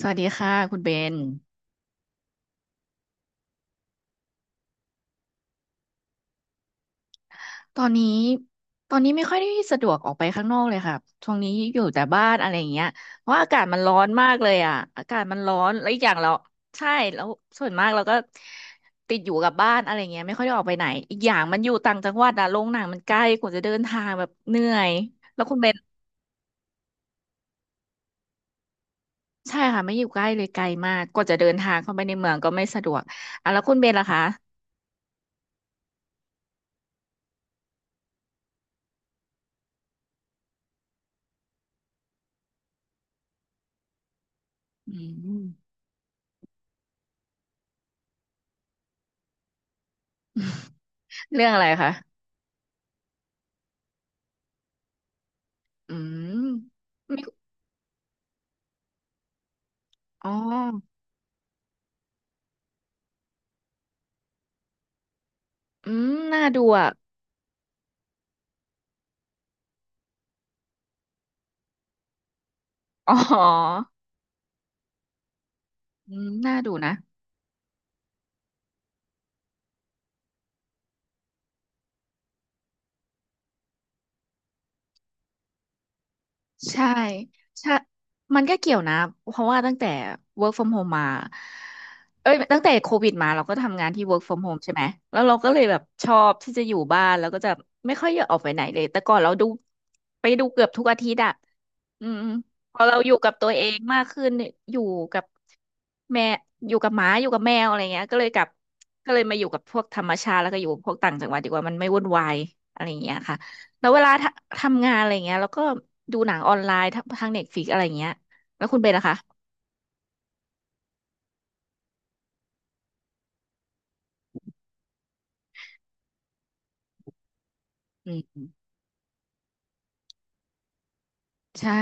สวัสดีค่ะคุณเบน ตอนนี้ตอนนี้ไม่ค่อยได้สะดวกออกไปข้างนอกเลยค่ะช่วงนี้อยู่แต่บ้านอะไรอย่างเงี้ยเพราะอากาศมันร้อนมากเลยอ่ะอากาศมันร้อนแล้วอีกอย่างเราใช่แล้วส่วนมากเราก็ติดอยู่กับบ้านอะไรเงี้ยไม่ค่อยได้ออกไปไหน อีกอย่างมันอยู่ต่างจังหวัดอะโรงหนังมันใกล้กว่าจะเดินทางแบบเหนื่อย แล้วคุณเบนใช่ค่ะไม่อยู่ใกล้เลยไกลมากกว่าจะเดินทางเข้าไปในเมืองก็ไม่สะดวกอ่ะแล้วคุณเบนล่ะคะอืมเรื่องอะไรคะอืมไม่อ๋อ อืมน่าดูอ่ะอ๋ออืมน่าดูนะใช่ใช่มันก็เกี่ยวนะเพราะว่าตั้งแต่ work from home มาเอ้ยตั้งแต่โควิดมาเราก็ทำงานที่ work from home ใช่ไหมแล้วเราก็เลยแบบชอบที่จะอยู่บ้านแล้วก็จะไม่ค่อยอยากออกไปไหนเลยแต่ก่อนเราดูไปดูเกือบทุกอาทิตย์อะ อืมอืมพอเราอยู่กับตัวเองมากขึ้นเนี่ยอยู่กับแม่อยู่กับหมาอยู่กับแมวอะไรเงี้ยก็เลยกลับก็เลยมาอยู่กับพวกธรรมชาติแล้วก็อยู่พวกต่างจังหวัดดีกว่ามันไม่วุ่นวายอะไรเงี้ยค่ะแล้วเวลาทำงานอะไรเงี้ยแล้วก็ดูหนังออนไลน์ทางเน็ตฟลิกอะไรเงี้ยแล้วคุณเป็นนะคะอืมใช่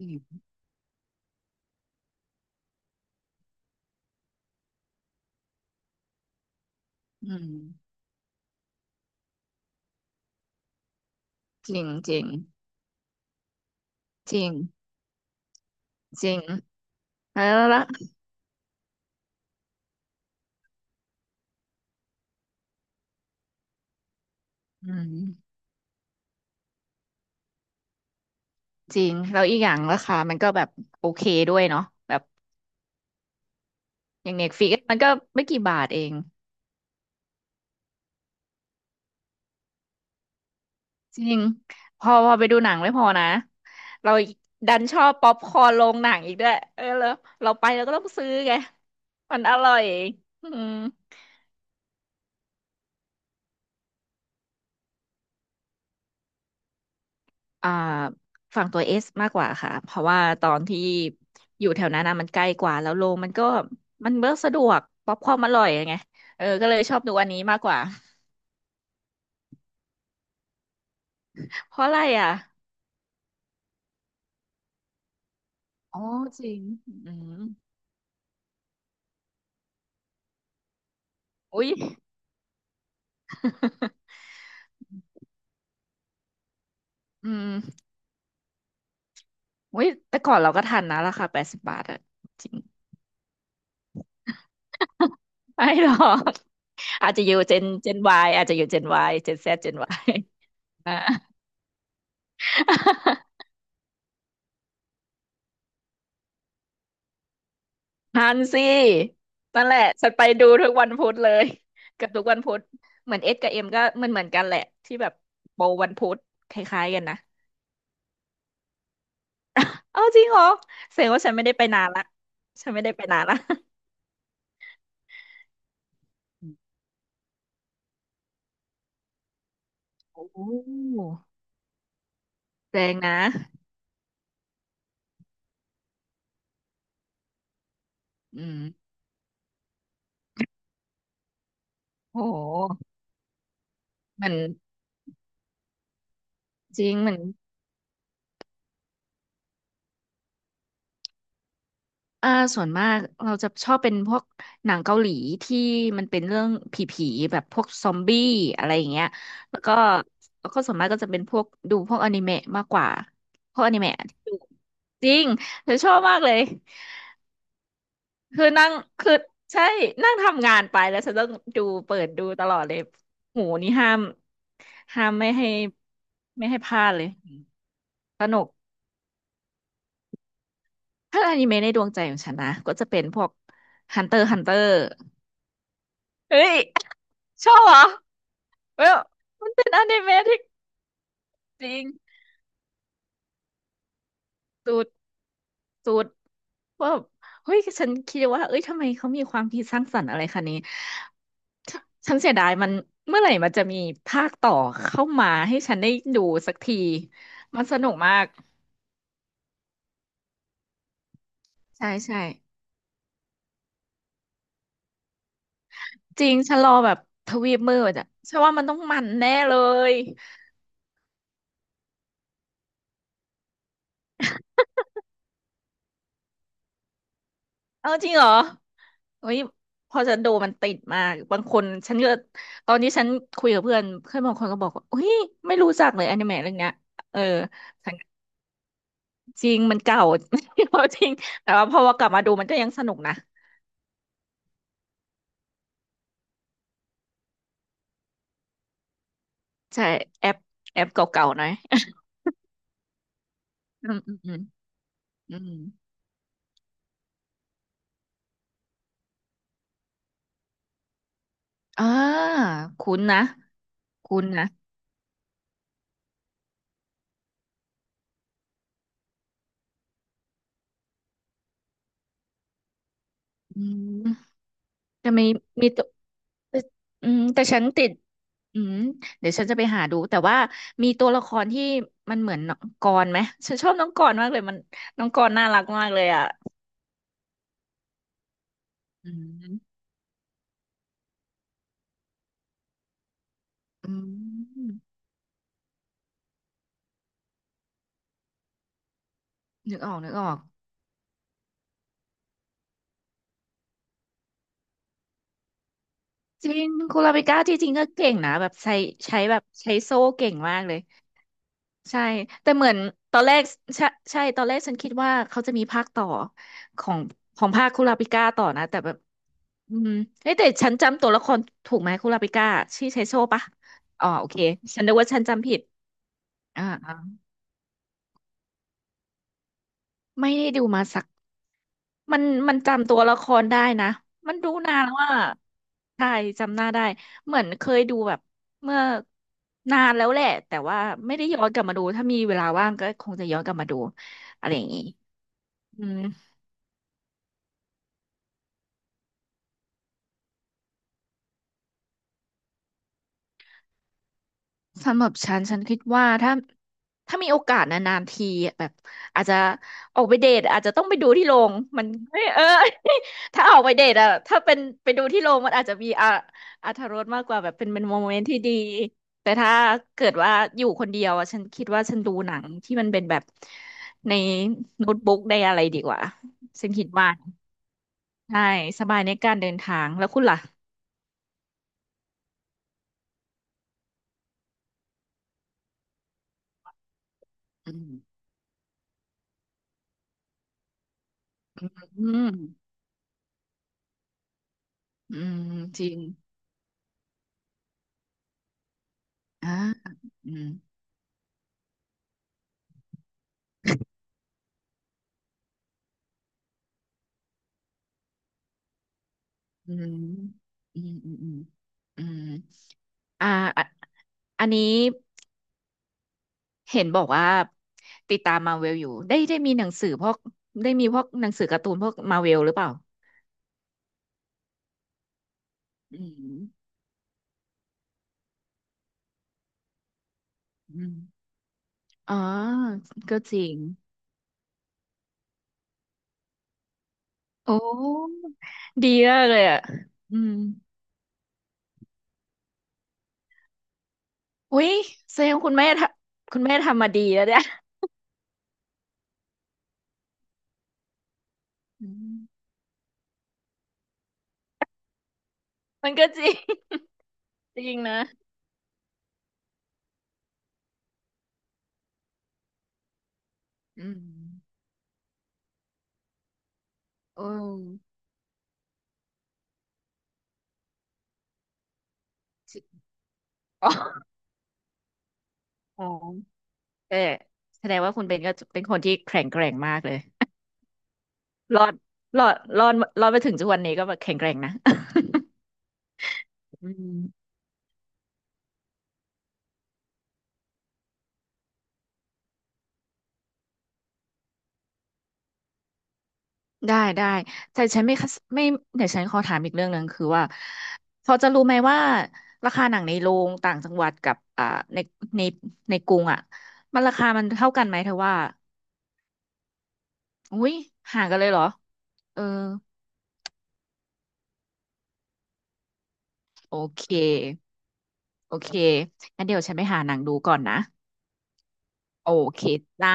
อืมอืมจริงจริงจริงจริงแล้วละอืมจริงแล้วอีกอย่างราคามันก็แบบโอเคด้วยเนาะแบบ อย่างเน็ตฟ i ิกมันก็ไม่กี่บาทเองจริงพอไปดูหนังไม่พอนะเราดันชอบป๊อปคอร์นโรงหนังอีกด้วยเออแล้วเราไปเราก็ต้องซื้อไงมันอร่อยอืมอ่าฝั่งตัวเอสมากกว่าค่ะเพราะว่าตอนที่อยู่แถวนั้นนะมันใกล้กว่าแล้วโรงมันก็มันเบิกสะดวกป๊อปคอร์นอร่อยไงเออก็เลยชอบดูอันนี้มากกว่าเพราะอะไรอ่ะอ๋อจริงอืมอุ๊ย อืม อุ้ยแต่ก่อนเราก็ทันนะราคาแปดสิบบาทอะจริง ไม่หรอกอาจจะอยู่เจนวายอาจจะอยู่เจนวายเจนแซดเจนวายอ่า ทันสินั่นแหละฉันไปดูทุกวันพุธเลย กับทุกวันพุธเหมือนเอสกับเอ็มก็มันเหมือนกันแหละที่แบบโบวันพุธคล้ายๆกันนะเอาจริงเหรอแสดงว่าฉันไม่ได้ไปนานละฉันไม่ได้ไปนานละ โอ้แสดงนะอืมโอ้หเหมือนจริงเหมือน อ่าส่วนมากเราจะชอบเป็นพวกหนังเกาหลีที่มันเป็นเรื่องผีๆแบบพวกซอมบี้อะไรอย่างเงี้ยแล้วก็แล้วก็ส่วนมากก็จะเป็นพวกดูพวกอนิเมะมากกว่าพวกอนิเมะที่ดูจริงฉันชอบมากเลยคือนั่งคือใช่นั่งทำงานไปแล้วฉันต้องดูเปิดดูตลอดเลยหูนี่ห้ามห้ามไม่ให้พลาดเลยสนุกถ้าอนิเมะในดวงใจของฉันนะก็จะเป็นพวก Hunter x Hunter เฮ้ยชอบเหรอเว้ยมันเป็นอนิเมะที่จริงสุดสุดว่าเฮ้ยฉันคิดว่าเอ้ยทำไมเขามีความคิดสร้างสรรค์อะไรขนาดนี้ฉันเสียดายมันเมื่อไหร่มันจะมีภาคต่อเข้ามาให้ฉันได้ดูสักทีมันสนุกมากใช่ใช่จริงฉันรอแบบทวีปมืดอ่ะฉันว่ามันต้องมันแน่เลย เออจริงเหรอเฮ้ยพอจะดูมันติดมากบางคนฉันก็ตอนนี้ฉันคุยกับเพื่อนเพื่อนบางคนก็บอกว่าอุ้ยไม่รู้จักเลยอนิเมะเรื่องเนี้ยเออฉันจริงมันเก่า จริงแต่ว่าพอว่ากลับมาดูมันก็ยังสนุกนะ ใช่ แอปแอปเก่าๆหน่อย อืมอืมอืมอืมอ่าคุ้นนะคุ้นนะอืมจะมีตัวอืมแต่ฉันติด อืมเดี๋ยวฉันจะไปหาดูแต่ว่ามีตัวละครที่มันเหมือนน้องกรณ์ไหมฉันชอบน้องกรณ์มากเลยมันน้องกรณ์น่ารักมากเลยอ่ะอืมอืมนึกออกนึกออกจริงคุณลาเบิก้าที่จริงก็เก่งนะแบบใช้ใช้แบบใช้โซ่เก่งมากเลยใช่แต่เหมือนตอนแรกใช่ใช่ตอนแรกฉันคิดว่าเขาจะมีภาคต่อของภาคคุลาปิก้าต่อนะแต่แบบอืมเฮ้ยแต่ฉันจำตัวละครถูกไหมคุลาปิก้าชื่อใช้โซ่ปะอ๋อโอเคฉันนึกว่าฉันจำผิด อ่าอ่าไม่ได้ดูมาสักมันมันจำตัวละครได้นะมันดูนานแล้วว่าใช่จำหน้าได้เหมือนเคยดูแบบเมื่อนานแล้วแหละแต่ว่าไม่ได้ย้อนกลับมาดูถ้ามีเวลาว่างก็คงจะย้อนกลับมาดูอะไรอย่างนี้อืม สำหรับฉันฉันคิดว่าถ้าถ้ามีโอกาสนานๆทีแบบอาจจะออกไปเดทอาจจะต้องไปดูที่โรงมันเอ้ยเออ ถ้าออกไปเดทอะถ้าเป็นไปดูที่โรงมันอาจจะมีอะอรรถรสมากกว่าแบบเป็นโมเมนต์ที่ดีแต่ถ้าเกิดว่าอยู่คนเดียวอะฉันคิดว่าฉันดูหนังที่มันเป็นแบบในโน้ตบุ๊กได้อะไรดีกว่าฉันคิดว่าใช่สบายในการเดินทางแล้วคุณล่ะอืมอืมอืมจริงอ่าอืม อืมอืมอืมอืมอืมอ่าอะอันนี้เห็นบอกว่าติดตามมาเวลอยู่ได้ได้มีหนังสือพวกได้มีพวกหนังสือการ์ตูนพวกมาเวลหรือเปล่าอืมอืมอ๋อ ก็จริงโอ้ดีมากเลยอ่ะอืมอุ้ยแสดงคุณแม่ทำคุณแม่ทำมาดีแล้วเนี่ยอืมมันก็จริงจริงนะอืมโอ้จริงอ๋ออ๋อ เออแสดงว่าคุณเบนก็เป็นคนที่แข็งแกร่งมากเลยรอดรอดรอดรอดมาถึงทุกวันนี้ก็แบบแข็งแกร่งนะ อืมได้ได้แต่ฉันไม่คัสไม่เดี๋ยวฉันขอถามอีกเรื่องหนึ่งคือว่าพอจะรู้ไหมว่าราคาหนังในโรงต่างจังหวัดกับอ่าในในในกรุงอ่ะมันราคามันเท่ากันไหมเธอว่าอุ้ยห่างกันเลยเหรอเออโอเคโอเคงั้นเดี๋ยวฉันไปหาหนังดูก่อนนะโอเคจ้า